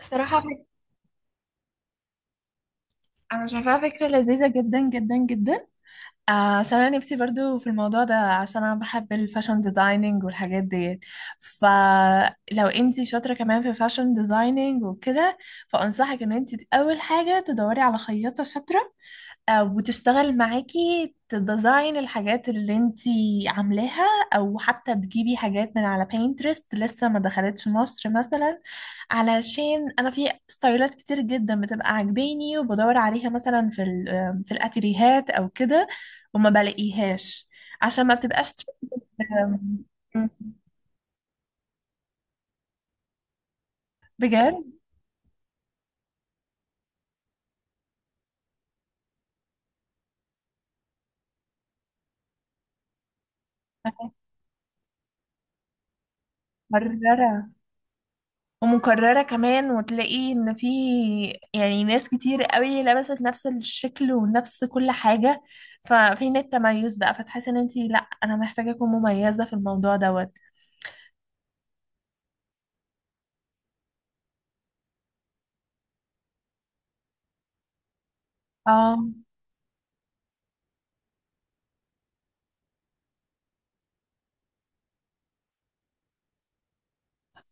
بصراحة أنا شايفاها فكرة لذيذة جدا جدا جدا. آه، عشان أنا نفسي برضو في الموضوع ده، عشان أنا بحب الفاشن ديزايننج والحاجات دي. فلو انتي شاطرة كمان في الفاشن ديزايننج وكده، فأنصحك إن انتي أول حاجة تدوري على خياطة شاطرة وتشتغل معاكي تديزاين الحاجات اللي انتي عاملاها، او حتى تجيبي حاجات من على بينترست لسه ما دخلتش مصر مثلا، علشان انا في ستايلات كتير جدا بتبقى عاجباني وبدور عليها مثلا في ال- آه، في الاتيليهات او كده وما بلاقيهاش، عشان ما بتبقاش trended، آم، بجد مرة ومكررة كمان، وتلاقي ان في ناس كتير قوي لبست نفس الشكل ونفس كل حاجة، ففين التميز بقى؟ فتحس ان انتي لا، انا محتاجة اكون مميزة في الموضوع دوت. اه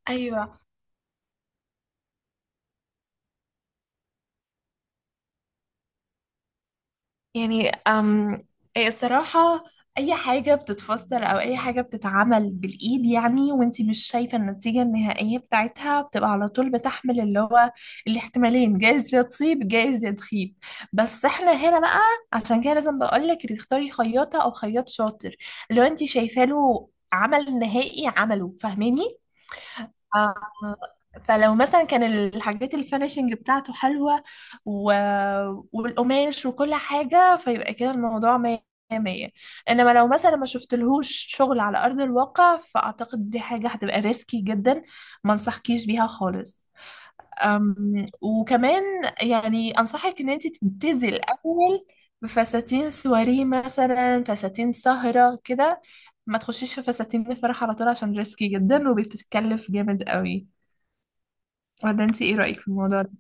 ايوه. يعني أم إيه الصراحة، أي حاجة بتتفسر أو أي حاجة بتتعمل بالإيد يعني وانتي مش شايفة النتيجة النهائية بتاعتها بتبقى على طول بتحمل اللي هو الاحتمالين، جايز يا تصيب جايز يا تخيب. بس احنا هنا بقى، عشان كده لازم بقولك تختاري خياطة أو خياط شاطر لو انتي شايفة له عمل نهائي عمله، فاهماني؟ آه، فلو مثلا كان الحاجات الفينيشنج بتاعته حلوة و... والقماش وكل حاجة، فيبقى كده الموضوع مية مية. انما لو مثلا ما شفتلهوش شغل على ارض الواقع، فاعتقد دي حاجة هتبقى ريسكي جدا، ما انصحكيش بيها خالص. وكمان يعني انصحك ان انت تبتدي الاول بفساتين سواري مثلا، فساتين سهرة كده. ما تخشيش في فساتين الفرح على طول عشان ريسكي جدا وبتتكلف جامد قوي. ولا انت ايه رأيك في الموضوع ده؟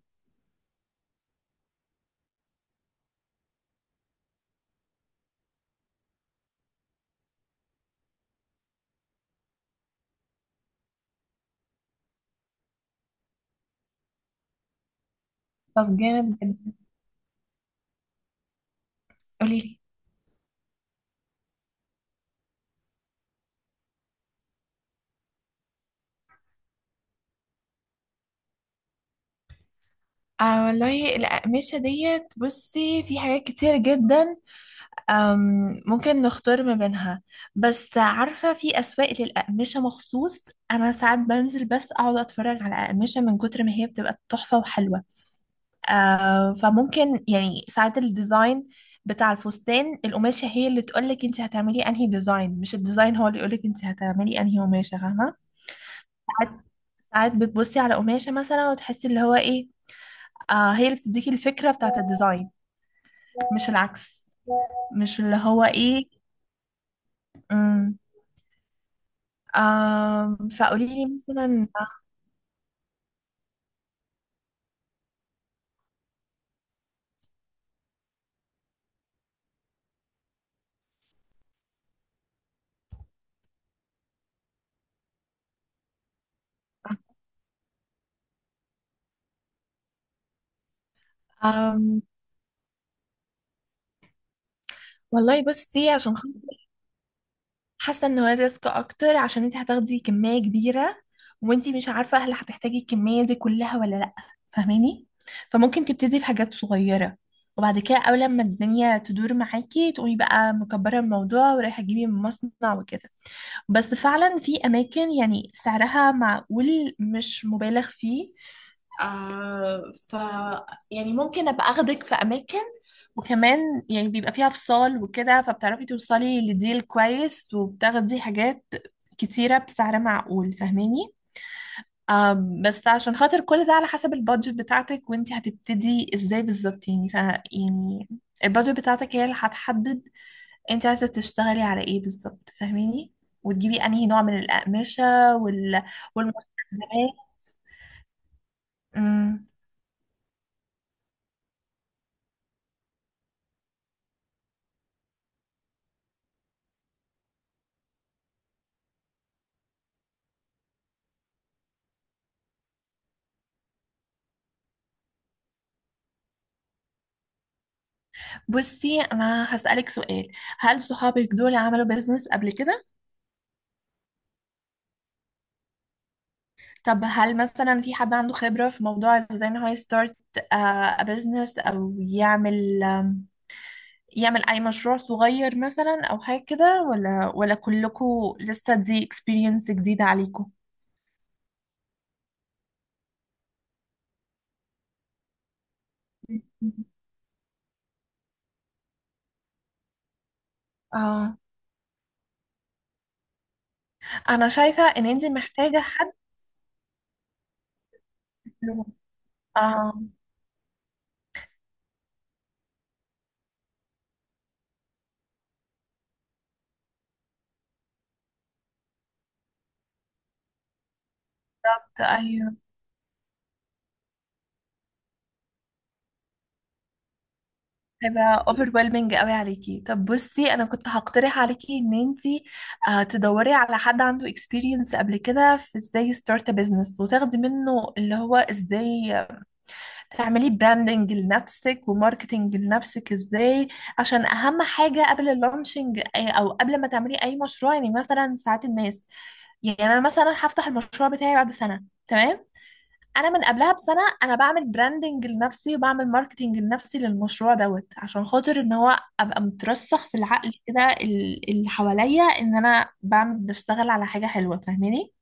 طب جامد جدا، قولي لي. آه والله الأقمشة ديت، بصي في حاجات كتير جدا، ممكن نختار ما بينها. بس عارفة في أسواق للأقمشة مخصوص؟ أنا ساعات بنزل بس أقعد أتفرج على أقمشة من كتر ما هي بتبقى تحفة وحلوة. آه فممكن يعني ساعات الديزاين بتاع الفستان القماشة هي اللي تقولك انت هتعملي انهي ديزاين، مش الديزاين هو اللي يقولك انت هتعملي انهي قماشة، فاهمة؟ ساعات ساعات بتبصي على قماشة مثلا وتحسي اللي هو ايه، آه هي اللي بتديكي الفكرة بتاعت الديزاين، مش العكس، مش اللي هو ايه. امم فقولي لي مثلا. آم والله بصي عشان خاطر حاسه ان هو الريسك اكتر، عشان انت هتاخدي كميه كبيره وانت مش عارفه هل هتحتاجي الكميه دي كلها ولا لا، فاهماني؟ فممكن تبتدي بحاجات صغيره وبعد كده اول ما الدنيا تدور معاكي تقومي بقى مكبره الموضوع ورايحه تجيبي من مصنع وكده. بس فعلا في اماكن يعني سعرها معقول، مش مبالغ فيه. آه ف يعني ممكن ابقى اخدك في اماكن، وكمان يعني بيبقى فيها فصال وكده فبتعرفي توصلي لديل كويس وبتاخدي حاجات كتيرة بسعر معقول، فاهماني؟ آه بس عشان خاطر كل ده على حسب البادجت بتاعتك وانتي هتبتدي ازاي بالظبط. يعني ف يعني البادجت بتاعتك هي اللي هتحدد انت عايزة تشتغلي على ايه بالظبط، فاهماني؟ وتجيبي انهي نوع من الأقمشة والمستلزمات. بصي انا هسألك سؤال، هل صحابك دول عملوا بيزنس قبل كده؟ طب هل مثلا في حد عنده خبرة في موضوع ازاي ان هو يستارت بزنس او يعمل اي مشروع صغير مثلا او حاجة كده، ولا كلكم لسه دي اكسبيرينس جديدة عليكم؟ اه انا شايفة ان انت محتاجة حد. اه ايوه، هيبقى overwhelming قوي عليكي. طب بصي انا كنت هقترح عليكي ان انتي تدوري على حد عنده experience قبل كده في ازاي start a business، وتاخدي منه اللي هو ازاي تعملي branding لنفسك وماركتينج لنفسك ازاي. عشان اهم حاجة قبل اللانشنج او قبل ما تعملي اي مشروع، يعني مثلا ساعات الناس، يعني انا مثلا هفتح المشروع بتاعي بعد سنة تمام، انا من قبلها بسنه انا بعمل براندنج لنفسي وبعمل ماركتنج لنفسي للمشروع دوت، عشان خاطر ان هو ابقى مترسخ في العقل كده اللي حواليا ان انا بعمل بشتغل على حاجه حلوه، فاهماني؟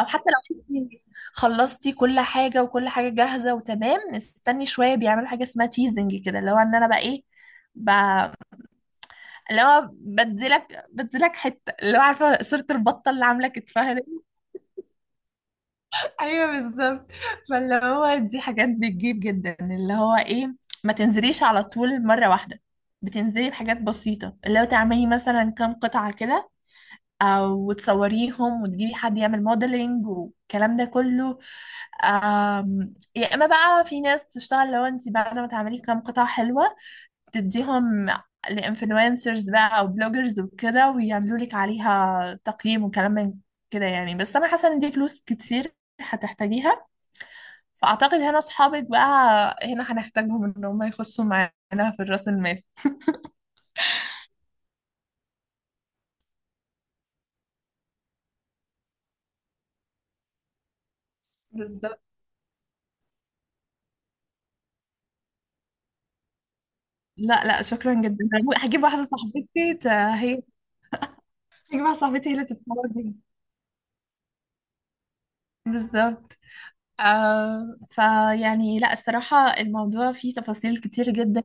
او حتى لو انتي خلصتي كل حاجه وكل حاجه جاهزه وتمام، استني شويه بيعملوا حاجه اسمها تيزنج كده، اللي هو ان انا بقى ايه، ب... اللي هو بديلك بديلك حته اللي هو، عارفه صورة البطه اللي عامله كتفها؟ ايوه بالظبط. فاللي هو دي حاجات بتجيب جدا اللي هو ايه، ما تنزليش على طول مره واحده، بتنزلي بحاجات بسيطه اللي هو تعملي مثلا كام قطعه كده، او تصوريهم وتجيبي حد يعمل موديلنج والكلام ده كله. يا اما بقى في ناس تشتغل، لو انت بعد ما تعملي كام قطعه حلوه تديهم لانفلونسرز بقى او بلوجرز وكده ويعملوا لك عليها تقييم وكلام من كده يعني، بس انا حاسه ان دي فلوس كتير هتحتاجيها. فأعتقد هنا أصحابك بقى، هنا هنحتاجهم إن هم يخشوا معانا في الرأس المال. بالظبط. لا لا شكرا جدا، هجيب واحدة صاحبتي هي، هجيب واحدة صاحبتي هي اللي تتفرج بيها. بالظبط. آه فيعني لا الصراحة الموضوع فيه تفاصيل كتير جدا،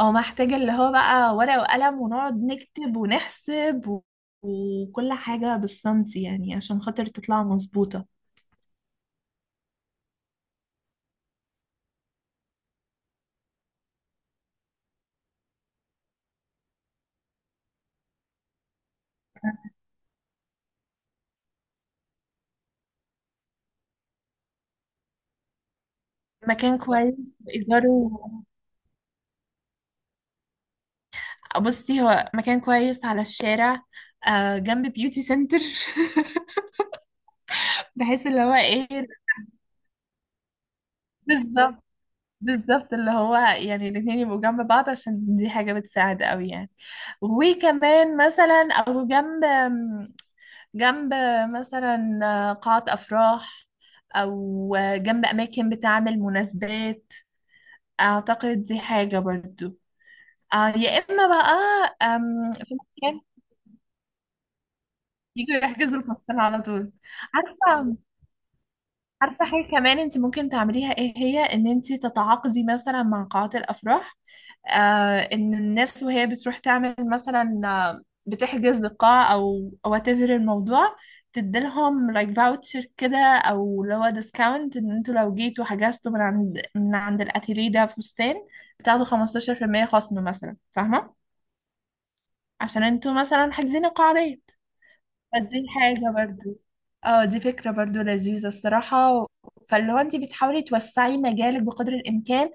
او محتاجة اللي هو بقى ورقة وقلم ونقعد نكتب ونحسب وكل حاجة بالسنتي يعني عشان خاطر تطلع مظبوطة. مكان كويس إيجاره، بصي هو مكان كويس على الشارع، آه جنب بيوتي سنتر. بحيث اللي هو ايه، بالظبط. بالظبط اللي هو يعني الاتنين يبقوا جنب بعض عشان دي حاجة بتساعد قوي يعني. وكمان مثلا او جنب مثلا قاعة أفراح، أو جنب أماكن بتعمل مناسبات، أعتقد دي حاجة برضو. يا إما بقى في مكان يجوا يحجزوا الفستان على طول. عارفة، عارفة حاجة كمان انت ممكن تعمليها ايه هي؟ ان انت تتعاقدي مثلا مع قاعات الافراح، آه ان الناس وهي بتروح تعمل مثلا بتحجز لقاعة او واتيفر الموضوع، تديلهم لايك فاوتشر كده او اللي هو ديسكاونت ان انتوا لو جيتوا حجزتوا من عند من عند الاتيليه ده فستان بتاخدوا 15% خصم مثلا، فاهمة؟ عشان انتوا مثلا حاجزين القاعة دي. بس دي حاجة برضو، اه دي فكرة برضو لذيذة الصراحة. فاللي هو انت بتحاولي توسعي مجالك بقدر الامكان،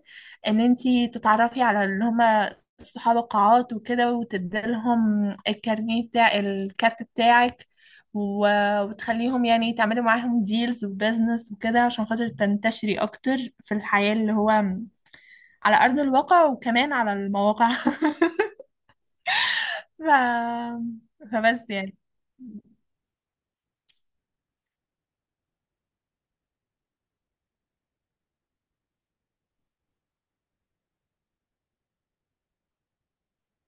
ان انت تتعرفي على اللي هما صحاب القاعات وكده وتديلهم الكارنيه بتاع الكارت بتاعك وتخليهم يعني تعملي معاهم ديلز وبزنس وكده عشان خاطر تنتشري اكتر في الحياة اللي هو على ارض الواقع، وكمان على المواقع. ف... فبس يعني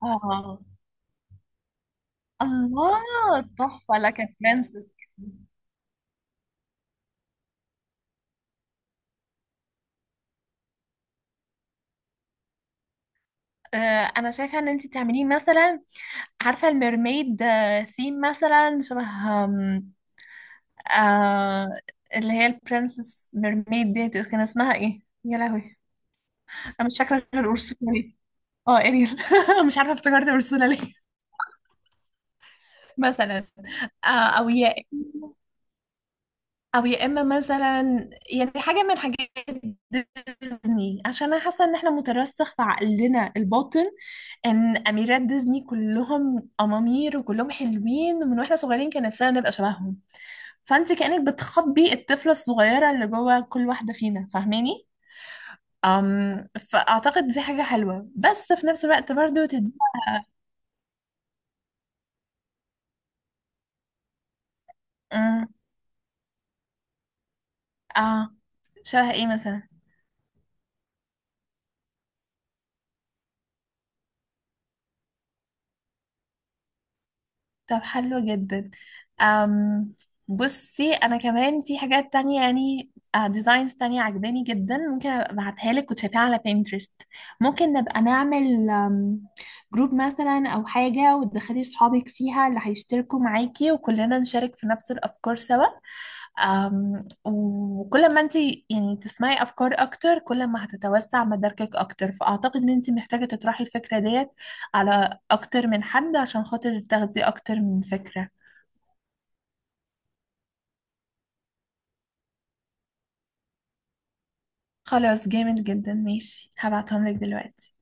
اه. الله تحفة لك فرانسيس. آه، انا شايفه ان انت تعمليه مثلا، عارفه الميرميد؟ ثيم مثلا شبه آم، آه اللي هي البرنسس ميرميد دي، كان اسمها ايه يا لهوي؟ انا مش فاكره غير اورسولا ليه، اه اريل. مش عارفه افتكرت اورسولا ليه. مثلا آه او ياء، او يا اما مثلا يعني حاجه من حاجات ديزني، عشان انا حاسه ان احنا مترسخ في عقلنا الباطن ان اميرات ديزني كلهم امامير وكلهم حلوين، من واحنا صغيرين كان نفسنا نبقى شبههم. فانت كانك بتخاطبي الطفله الصغيره اللي جوه كل واحده فينا، فاهماني؟ أم فاعتقد دي حاجه حلوه، بس في نفس الوقت برضو تديها. أم، اه شبه ايه مثلا؟ طب حلو جدا. أم بصي انا كمان في حاجات تانية يعني، ديزاينز تانية عجباني جدا، ممكن أبقى ابعتها لك وتشوفيها على بينترست. ممكن نبقى نعمل جروب مثلا او حاجة وتدخلي صحابك فيها اللي هيشتركوا معاكي، وكلنا نشارك في نفس الافكار سوا. وكل ما انت يعني تسمعي افكار اكتر كل ما هتتوسع مداركك اكتر. فاعتقد ان انت محتاجة تطرحي الفكرة ديت على اكتر من حد عشان خاطر تاخدي اكتر من فكرة. خلاص جامد جدا، ماشي هبعتهم لك دلوقتي.